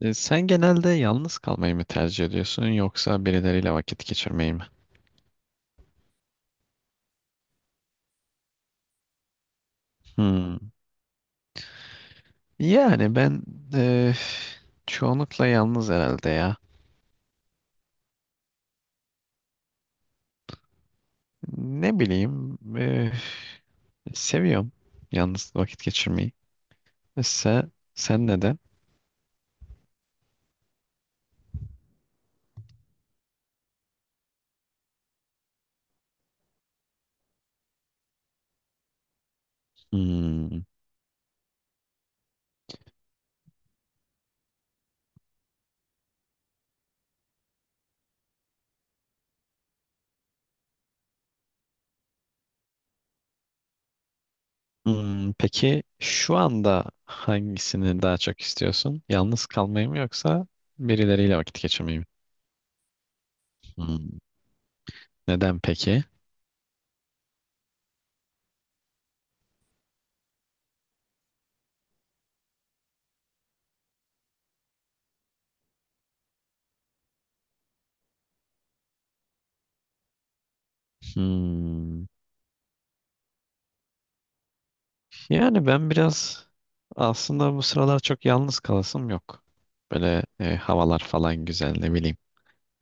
Sen genelde yalnız kalmayı mı tercih ediyorsun yoksa birileriyle vakit geçirmeyi mi? Hmm. Yani ben e, çoğunlukla yalnız herhalde ya. Ne bileyim, seviyorum yalnız vakit geçirmeyi. Mesela sen neden? Hmm. Hmm, peki şu anda hangisini daha çok istiyorsun? Yalnız kalmayı mı yoksa birileriyle vakit geçirmeyi mi? Hmm. Neden peki? Hmm. Yani ben biraz aslında bu sıralar çok yalnız kalasım yok. Böyle havalar falan güzel, ne bileyim.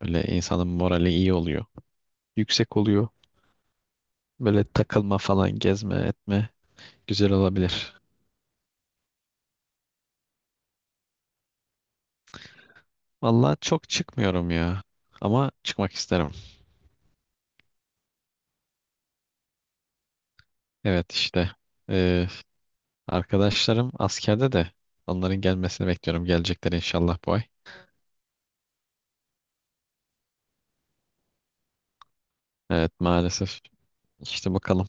Böyle insanın morali iyi oluyor. Yüksek oluyor. Böyle takılma falan, gezme etme, güzel olabilir. Vallahi çok çıkmıyorum ya. Ama çıkmak isterim. Evet işte, e, arkadaşlarım askerde de onların gelmesini bekliyorum. Gelecekler inşallah bu ay. Evet maalesef, işte bakalım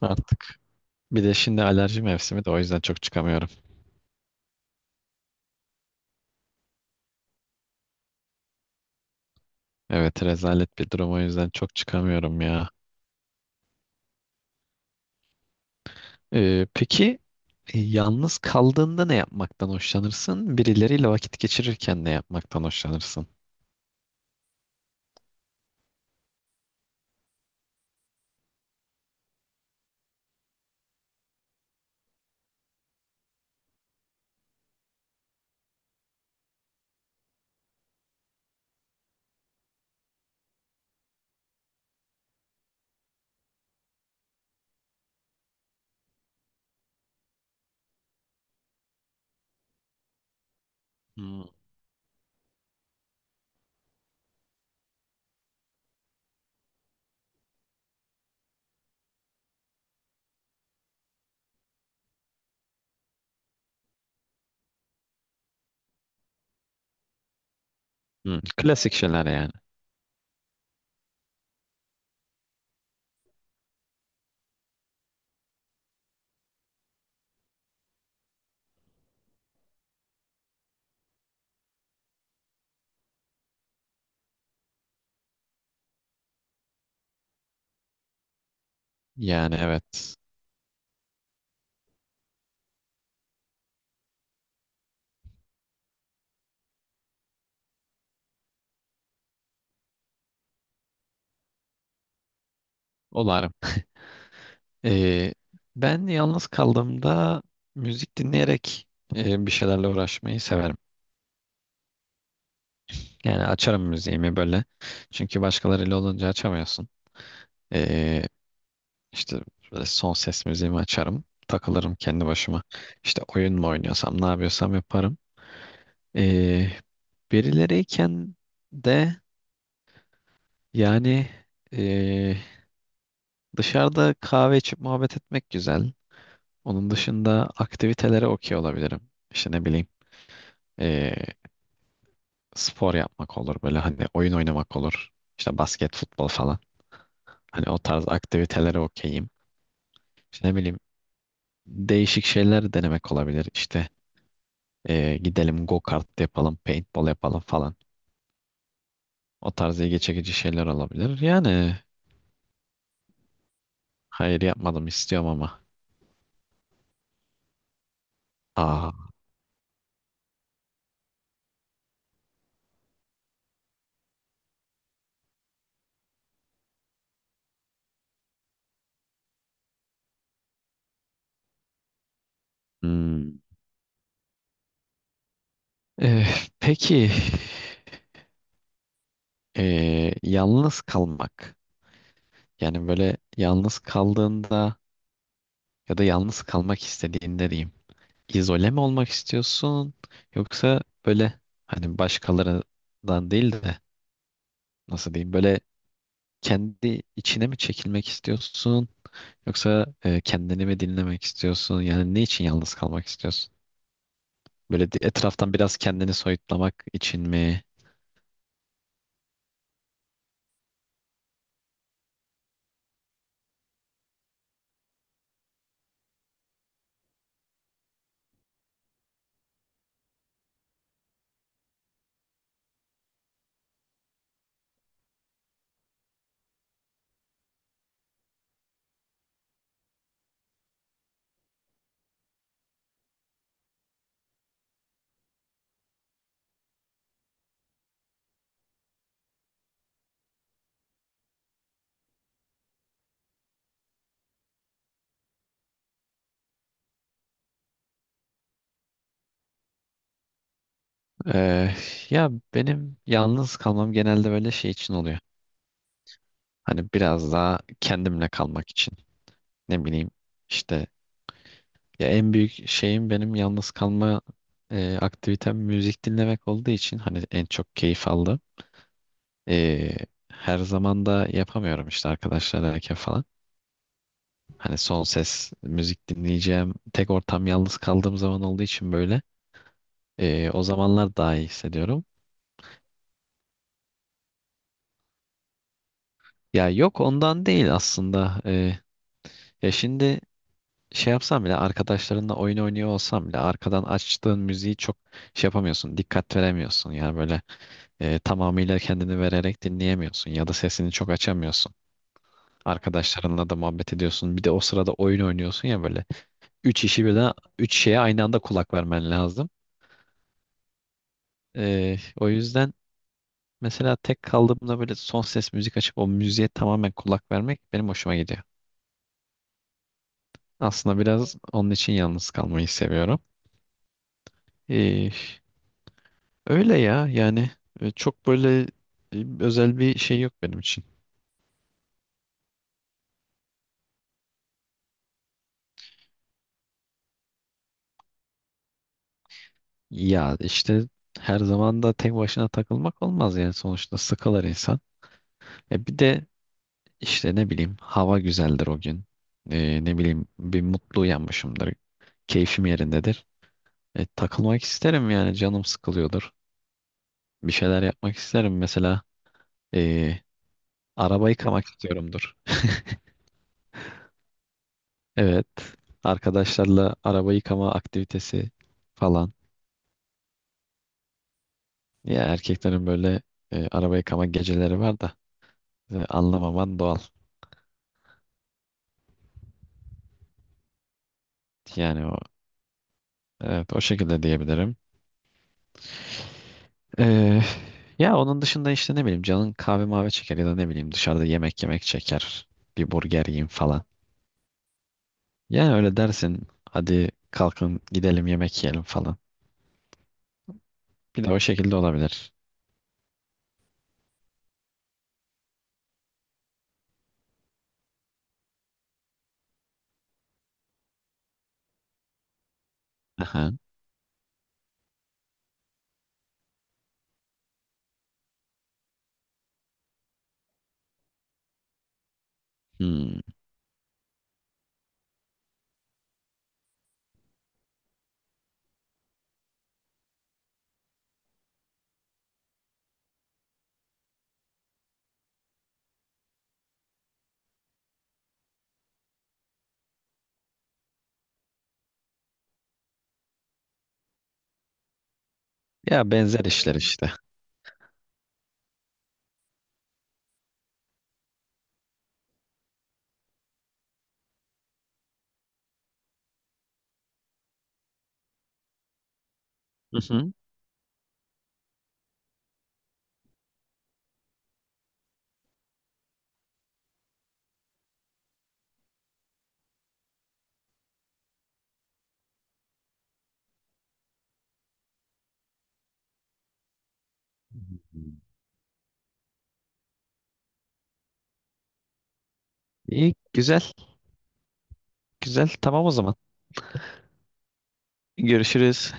artık. Bir de şimdi alerji mevsimi de, o yüzden çok çıkamıyorum. Evet rezalet bir durum, o yüzden çok çıkamıyorum ya. Peki e, yalnız kaldığında ne yapmaktan hoşlanırsın? Birileriyle vakit geçirirken ne yapmaktan hoşlanırsın? Hmm. Hmm, klasik şeyler yani. Yani evet. Olarım. Ee, Ben yalnız kaldığımda müzik dinleyerek bir şeylerle uğraşmayı severim. Yani açarım müziğimi böyle. Çünkü başkalarıyla olunca açamıyorsun. Ee, İşte böyle son ses müziğimi açarım. Takılırım kendi başıma. İşte oyun mu oynuyorsam ne yapıyorsam yaparım. Ee, Birileriyken de, yani, ee, dışarıda kahve içip muhabbet etmek güzel. Onun dışında aktivitelere okey olabilirim. İşte ne bileyim, ee, spor yapmak olur, böyle hani oyun oynamak olur. İşte basket, futbol falan. Hani o tarz aktivitelere okeyim. İşte ne bileyim, değişik şeyler denemek olabilir. İşte, gidelim go kart yapalım, paintball yapalım falan. O tarz ilgi çekici şeyler olabilir. Yani hayır, yapmadım, istiyorum ama. Aa, hmm. Ee, peki, yalnız kalmak. Yani böyle yalnız kaldığında ya da yalnız kalmak istediğinde diyeyim. İzole mi olmak istiyorsun? Yoksa böyle, hani başkalarından değil de, nasıl diyeyim böyle, kendi içine mi çekilmek istiyorsun? Yoksa kendini mi dinlemek istiyorsun? Yani ne için yalnız kalmak istiyorsun? Etraftan biraz kendini soyutlamak için mi? E, Ya benim yalnız kalmam genelde böyle şey için oluyor. Hani biraz daha kendimle kalmak için. Ne bileyim, işte, ya en büyük şeyim, benim yalnız kalma aktivitem müzik dinlemek olduğu için hani en çok keyif aldım. E, Her zaman da yapamıyorum işte arkadaşlarla falan. Hani son ses müzik dinleyeceğim. Tek ortam yalnız kaldığım zaman olduğu için böyle, o zamanlar daha iyi hissediyorum. Ya yok, ondan değil aslında. Ya şimdi şey yapsam bile, arkadaşlarınla oyun oynuyor olsam bile, arkadan açtığın müziği çok şey yapamıyorsun. Dikkat veremiyorsun. Yani böyle tamamıyla kendini vererek dinleyemiyorsun. Ya da sesini çok açamıyorsun. Arkadaşlarınla da muhabbet ediyorsun. Bir de o sırada oyun oynuyorsun ya böyle. Üç işi birden, üç şeye aynı anda kulak vermen lazım. O yüzden mesela tek kaldığımda böyle son ses müzik açıp o müziğe tamamen kulak vermek benim hoşuma gidiyor. Aslında biraz onun için yalnız kalmayı seviyorum. Ee, Öyle ya yani, çok böyle özel bir şey yok benim için. Ya işte her zaman da tek başına takılmak olmaz, yani sonuçta sıkılır insan. E bir de işte ne bileyim, hava güzeldir o gün. Ne bileyim, bir mutlu uyanmışımdır. Keyfim yerindedir. Takılmak isterim, yani canım sıkılıyordur. Bir şeyler yapmak isterim. Mesela eee araba yıkamak istiyorumdur. Evet. Arkadaşlarla araba yıkama aktivitesi falan. Ya erkeklerin böyle araba yıkama geceleri var da anlamaman doğal. Yani o, evet, o şekilde diyebilirim. Eee, Ya onun dışında işte ne bileyim, canın kahve mavi çeker ya da ne bileyim dışarıda yemek yemek çeker. Bir burger yiyeyim falan. Yani öyle dersin, hadi kalkın gidelim yemek yiyelim falan. Bir de o şekilde olabilir. Aha. Hmm. Ya benzer işler işte. Hı hı. İyi, güzel, güzel. Tamam o zaman. Görüşürüz.